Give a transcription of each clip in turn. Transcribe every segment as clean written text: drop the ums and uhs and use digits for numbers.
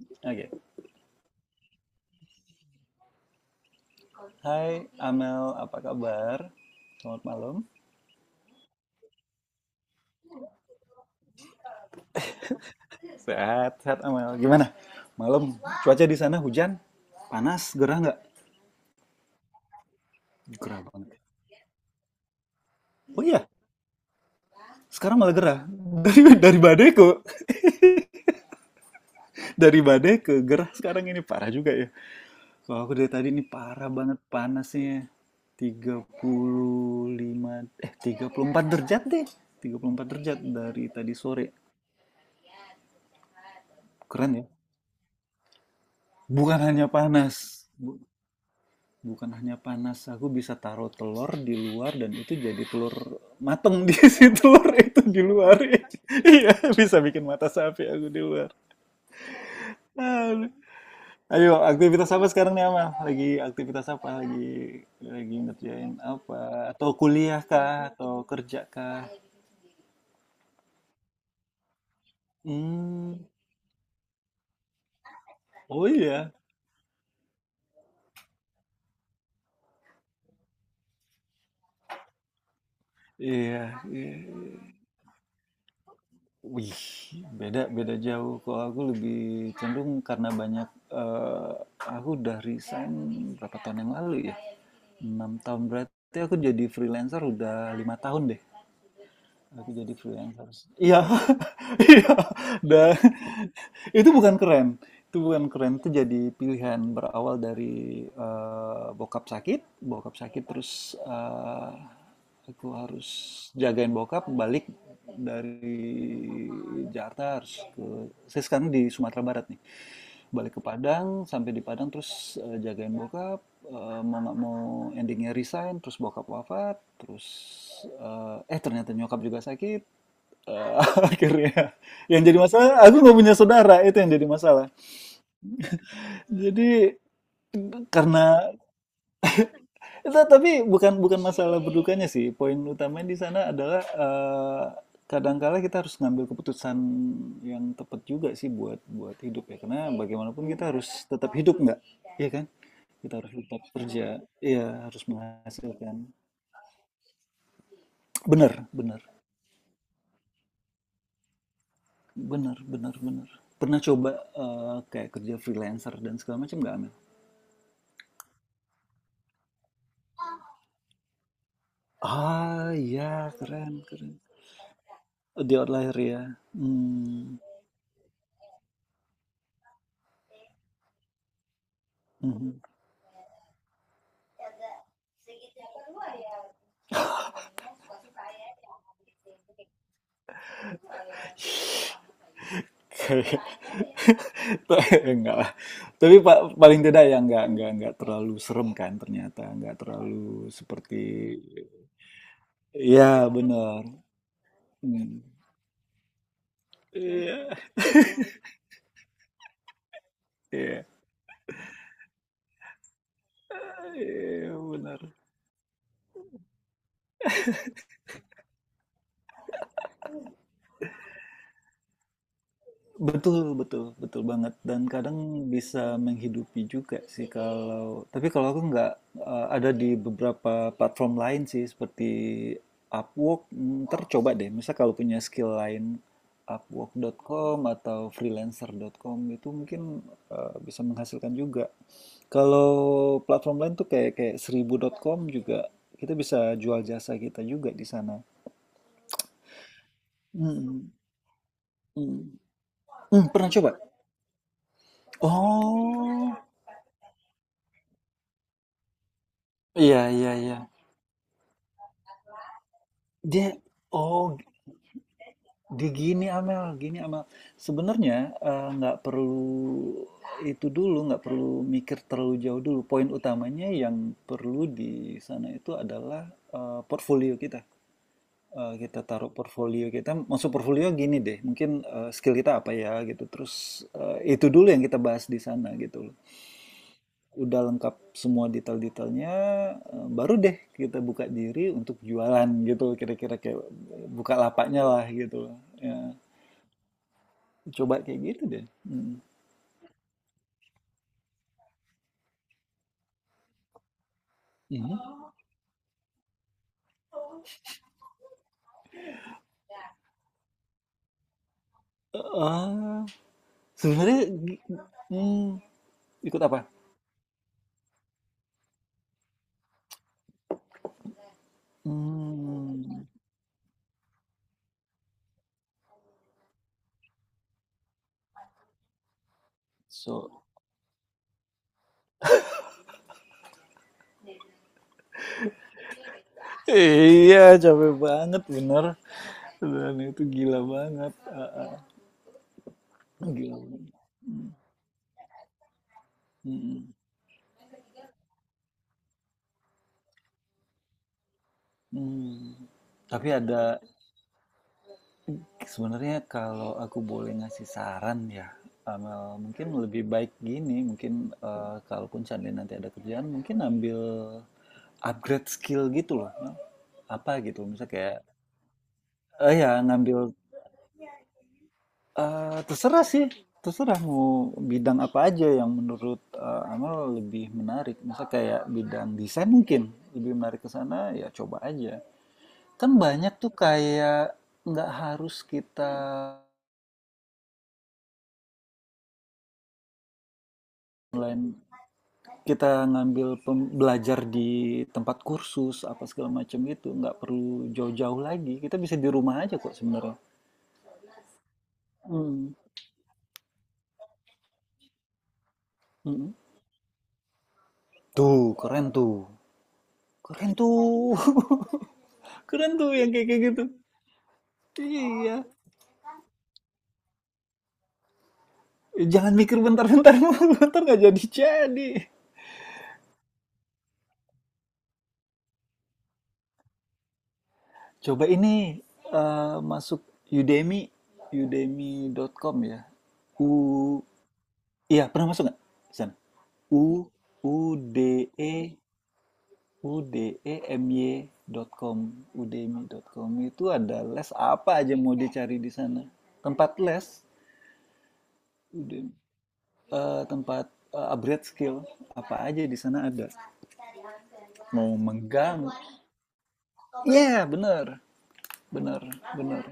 Oke. Okay. Hai Amel, apa kabar? Selamat malam. Sehat, sehat Amel. Gimana? Malam, cuaca di sana hujan? Panas, gerah nggak? Gerah banget. Oh iya, sekarang malah gerah. Dari badai ke gerah sekarang ini parah juga ya. Kalau aku dari tadi ini parah banget panasnya. 35, eh 34 derajat deh. 34 derajat dari tadi sore. Keren ya. Bukan hanya panas, bukan hanya panas, aku bisa taruh telur di luar dan itu jadi telur mateng di situ. Telur itu di luar. Iya, bisa bikin mata sapi aku di luar. Aduh. Ayo, aktivitas apa sekarang nih Amal? Lagi aktivitas apa? Lagi ngerjain apa? Atau kuliah kah? Atau kerja kah? Hmm. Oh iya. Iya, iya, iya. Wih, beda beda jauh. Kalau aku lebih cenderung karena banyak, eh, aku udah resign berapa tahun yang lalu ya? 6 tahun berarti aku jadi freelancer udah 5 tahun deh. Aku jadi freelancer. Iya, iya. Dan itu bukan keren. Itu bukan keren. Itu jadi pilihan berawal dari, bokap sakit. Bokap sakit terus, aku harus jagain bokap balik dari Jakarta harus ke saya sekarang di Sumatera Barat nih. Balik ke Padang, sampai di Padang terus, jagain bokap, mau nggak mau endingnya resign, terus bokap wafat, terus, eee, eh ternyata nyokap juga sakit, eee, akhirnya yang jadi masalah aku nggak punya saudara, itu yang jadi masalah. Jadi, karena itu tapi bukan bukan masalah berdukanya sih. Poin utamanya di sana adalah, kadangkala kita harus ngambil keputusan yang tepat juga sih buat buat hidup ya. Karena bagaimanapun kita harus tetap hidup nggak, iya kan? Kita harus tetap kerja, iya harus menghasilkan. Bener, bener, bener, bener, bener. Pernah coba, kayak kerja freelancer dan segala macam nggak, Amel? Ah, iya keren, keren. Di outlier ya. Hmm. Mhm. Enggak lah. Tapi paling tidak ya enggak terlalu serem kan ternyata, enggak terlalu seperti ya benar. Hmm. Iya, iya. Iya, benar. Betul, betul, betul banget. Dan kadang bisa menghidupi juga sih kalau, tapi kalau aku nggak, ada di beberapa platform lain sih seperti Upwork, ntar coba deh. Misal kalau punya skill lain, Upwork.com atau freelancer.com itu mungkin, bisa menghasilkan juga. Kalau platform lain tuh kayak kayak seribu.com juga kita bisa jual jasa kita juga di sana. Mm, mm, mm. Pernah coba? Oh. Iya iya iya. Dia oh di gini Amel, gini Amel. Sebenarnya, nggak perlu itu dulu, nggak perlu mikir terlalu jauh dulu. Poin utamanya yang perlu di sana itu adalah, portfolio kita. Kita taruh portfolio kita. Maksud portfolio gini deh. Mungkin, skill kita apa ya gitu. Terus, itu dulu yang kita bahas di sana gitu. Udah lengkap semua detail-detailnya, baru deh kita buka diri untuk jualan gitu, kira-kira kayak buka lapaknya lah gitu ya. Coba kayak gitu deh. Hmm. Ini. Ah, sebenarnya gi- hmm, ikut apa hmm, so iya capek banget bener dan itu gila banget. Ah, ah. Gila banget. Mm, mm. Tapi ada. Sebenarnya kalau aku boleh ngasih saran ya, Amel mungkin lebih baik gini. Mungkin, kalaupun seandainya nanti ada kerjaan, mungkin ambil upgrade skill gitu loh, apa gitu, misalnya kayak, ya ngambil, terserah sih, terserah mau bidang apa aja yang menurut, Amel lebih menarik. Misal kayak bidang desain mungkin lebih menarik ke sana, ya coba aja. Kan banyak tuh kayak nggak harus kita online, kita ngambil belajar di tempat kursus apa segala macam. Itu nggak perlu jauh-jauh lagi, kita bisa di rumah aja kok sebenarnya. Hmm. Mm-mm. Tuh keren tuh, keren tuh, keren tuh yang kayak kayak gitu, iya. Jangan mikir bentar-bentar. Bentar nggak jadi-jadi. Coba ini, masuk Udemy, udemy.com ya. U, iya pernah masuk nggak, San? U, u, d, e, udemy dot com, itu ada les apa aja mau dicari di sana. Tempat les, Udemy, tempat, upgrade skill apa aja di sana ada. Mau menggang. Iya, yeah, bener, bener, bener.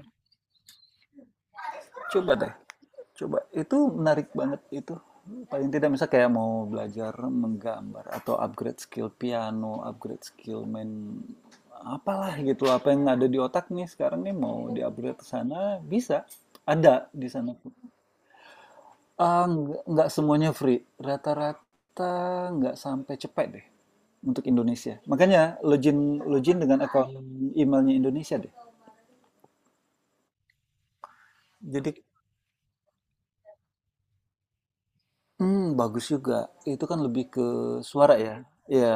Coba deh. Coba itu menarik banget itu. Paling tidak misalnya kayak mau belajar menggambar atau upgrade skill piano, upgrade skill main apalah gitu. Apa yang ada di otak nih sekarang nih mau di-upgrade ke sana bisa. Ada di sana. Ah, nggak semuanya free. Rata-rata nggak sampai cepet deh untuk Indonesia. Makanya login login dengan akun emailnya Indonesia deh. Jadi, bagus juga. Itu kan lebih ke suara ya. Iya.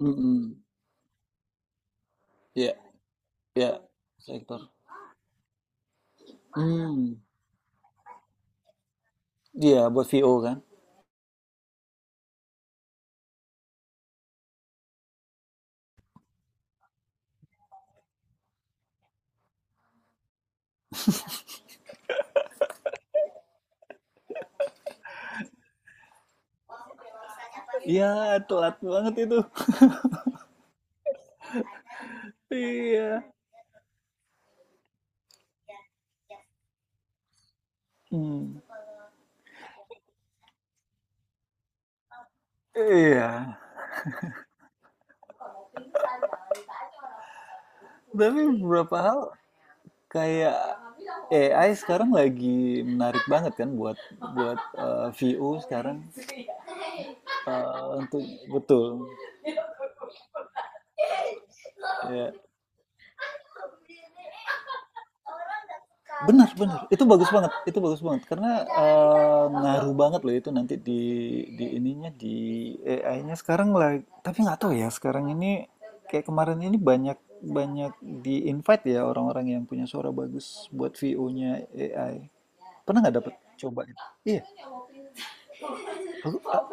Mm-mm. Iya, iya, sektor. Hmm. Iya, buat VO kan? Iya, telat banget itu. Iya. Hmm. Iya. Tapi beberapa hal kayak AI sekarang lagi menarik banget kan buat buat eh, VO sekarang. Untuk betul. Iya. Benar benar itu bagus banget karena, ngaruh banget loh itu nanti di ininya di AI-nya sekarang lah. Tapi nggak tahu ya sekarang ini, kayak kemarin ini banyak banyak di invite ya orang-orang yang punya suara bagus buat VO-nya AI. Pernah nggak dapet coba? Gitu. Iya, aku,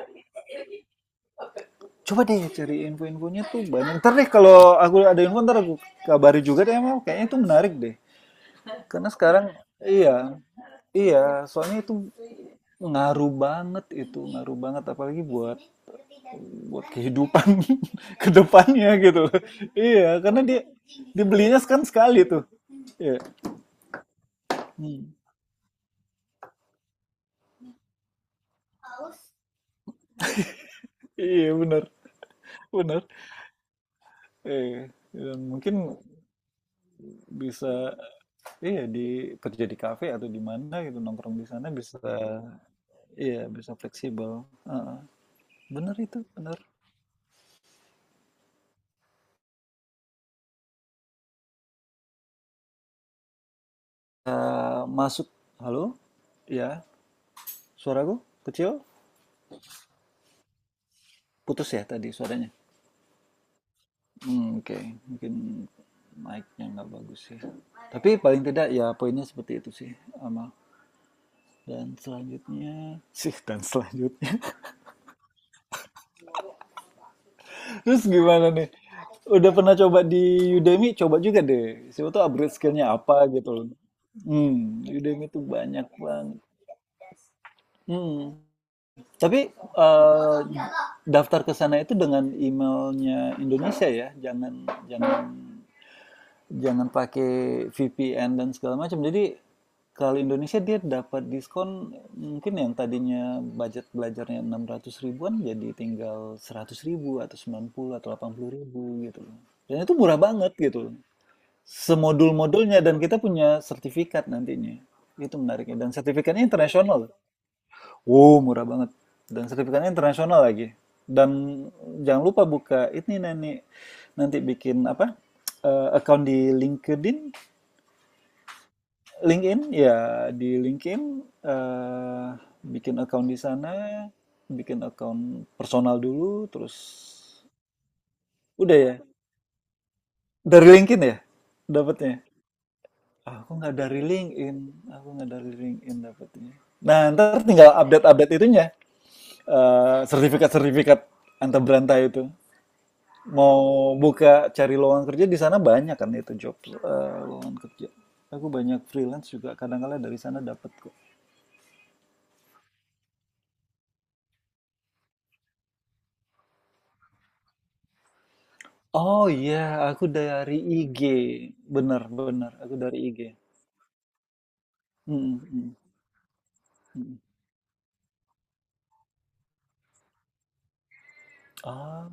coba deh cari info-infonya tuh banyak. Ntar deh kalau aku ada info, ntar aku kabari juga deh, emang kayaknya itu menarik deh. Karena sekarang, iya, iya, soalnya itu ngaruh banget, itu ngaruh banget apalagi buat buat kehidupan ke depannya gitu. Iya karena dia dibelinya kan sekali tuh, iya. Hmm. Iya benar, benar, eh dan mungkin bisa, iya, di kerja di kafe atau di mana gitu, nongkrong di sana bisa. Iya bisa fleksibel. Heeh. Benar itu benar. Ah, masuk, halo, ya, suaraku kecil, putus ya tadi suaranya. Mmm, oke. Mungkin mic-nya nggak bagus sih. Tapi paling tidak ya poinnya seperti itu sih, Amal. Dan selanjutnya sih dan selanjutnya. Terus gimana nih? Udah pernah coba di Udemy? Coba juga deh, siapa tuh upgrade skillnya apa gitu loh. Mmm, Udemy tuh banyak banget. Hmm. Tapi, daftar ke sana itu dengan emailnya Indonesia ya, jangan jangan jangan pakai VPN dan segala macam. Jadi kalau Indonesia dia dapat diskon, mungkin yang tadinya budget belajarnya 600 ribuan jadi tinggal 100 ribu atau 90 atau 80 ribu gitu. Dan itu murah banget gitu. Semodul-modulnya dan kita punya sertifikat nantinya. Itu menariknya. Dan sertifikatnya internasional. Wow, murah banget. Dan sertifikatnya internasional lagi. Dan jangan lupa buka ini nanti nanti bikin apa? Account di LinkedIn. LinkedIn ya, di LinkedIn, eh, bikin account di sana, bikin account personal dulu, terus udah ya dari LinkedIn ya dapatnya. Aku nggak dari LinkedIn, aku nggak dari LinkedIn dapatnya. Nah ntar tinggal update-update itunya, sertifikat-sertifikat antar berantai itu. Mau buka cari lowongan kerja di sana, banyak kan itu job, lowongan kerja. Aku banyak freelance juga kadang-kadang dari sana dapat kok. Oh iya, aku dari IG. Benar, benar. Aku dari IG. Mhm, mhm, mhm. Ah,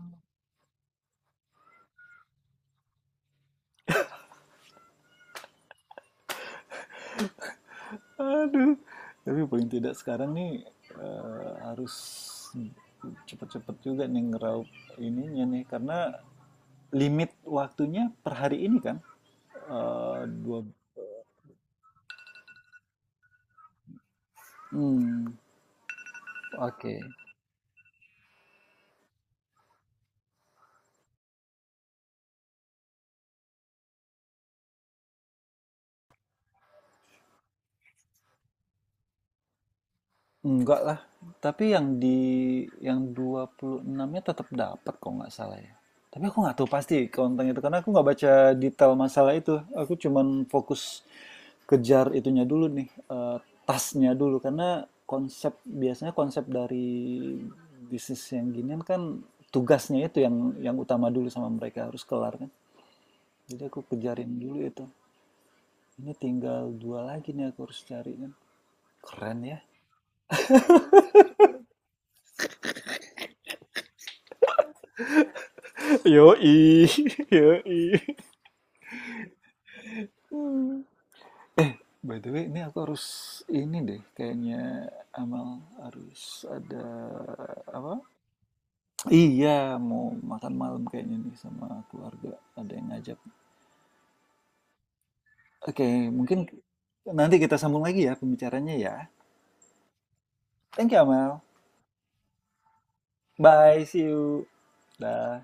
aduh. Tapi paling tidak sekarang nih, harus cepet-cepet juga nih ngeraup ininya nih. Karena limit waktunya per hari ini kan. Dua... Hmm, oke. Enggak lah, tapi yang 26-nya tetap dapat kok, nggak salah ya. Tapi aku nggak tahu pasti konten itu karena aku nggak baca detail masalah itu. Aku cuman fokus kejar itunya dulu nih, tasnya dulu, karena konsep biasanya konsep dari bisnis yang ginian kan, tugasnya itu yang utama dulu sama mereka harus kelar kan. Jadi aku kejarin dulu itu. Ini tinggal dua lagi nih aku harus cari kan. Keren ya. Yoi, yoi. By the way, ini deh, kayaknya Amal harus ada. Apa? Iya, mau makan malam kayaknya nih sama keluarga. Ada yang ngajak. Oke, mungkin nanti kita sambung lagi ya pembicaranya ya. Thank you, Amal. Bye, see you. Dah.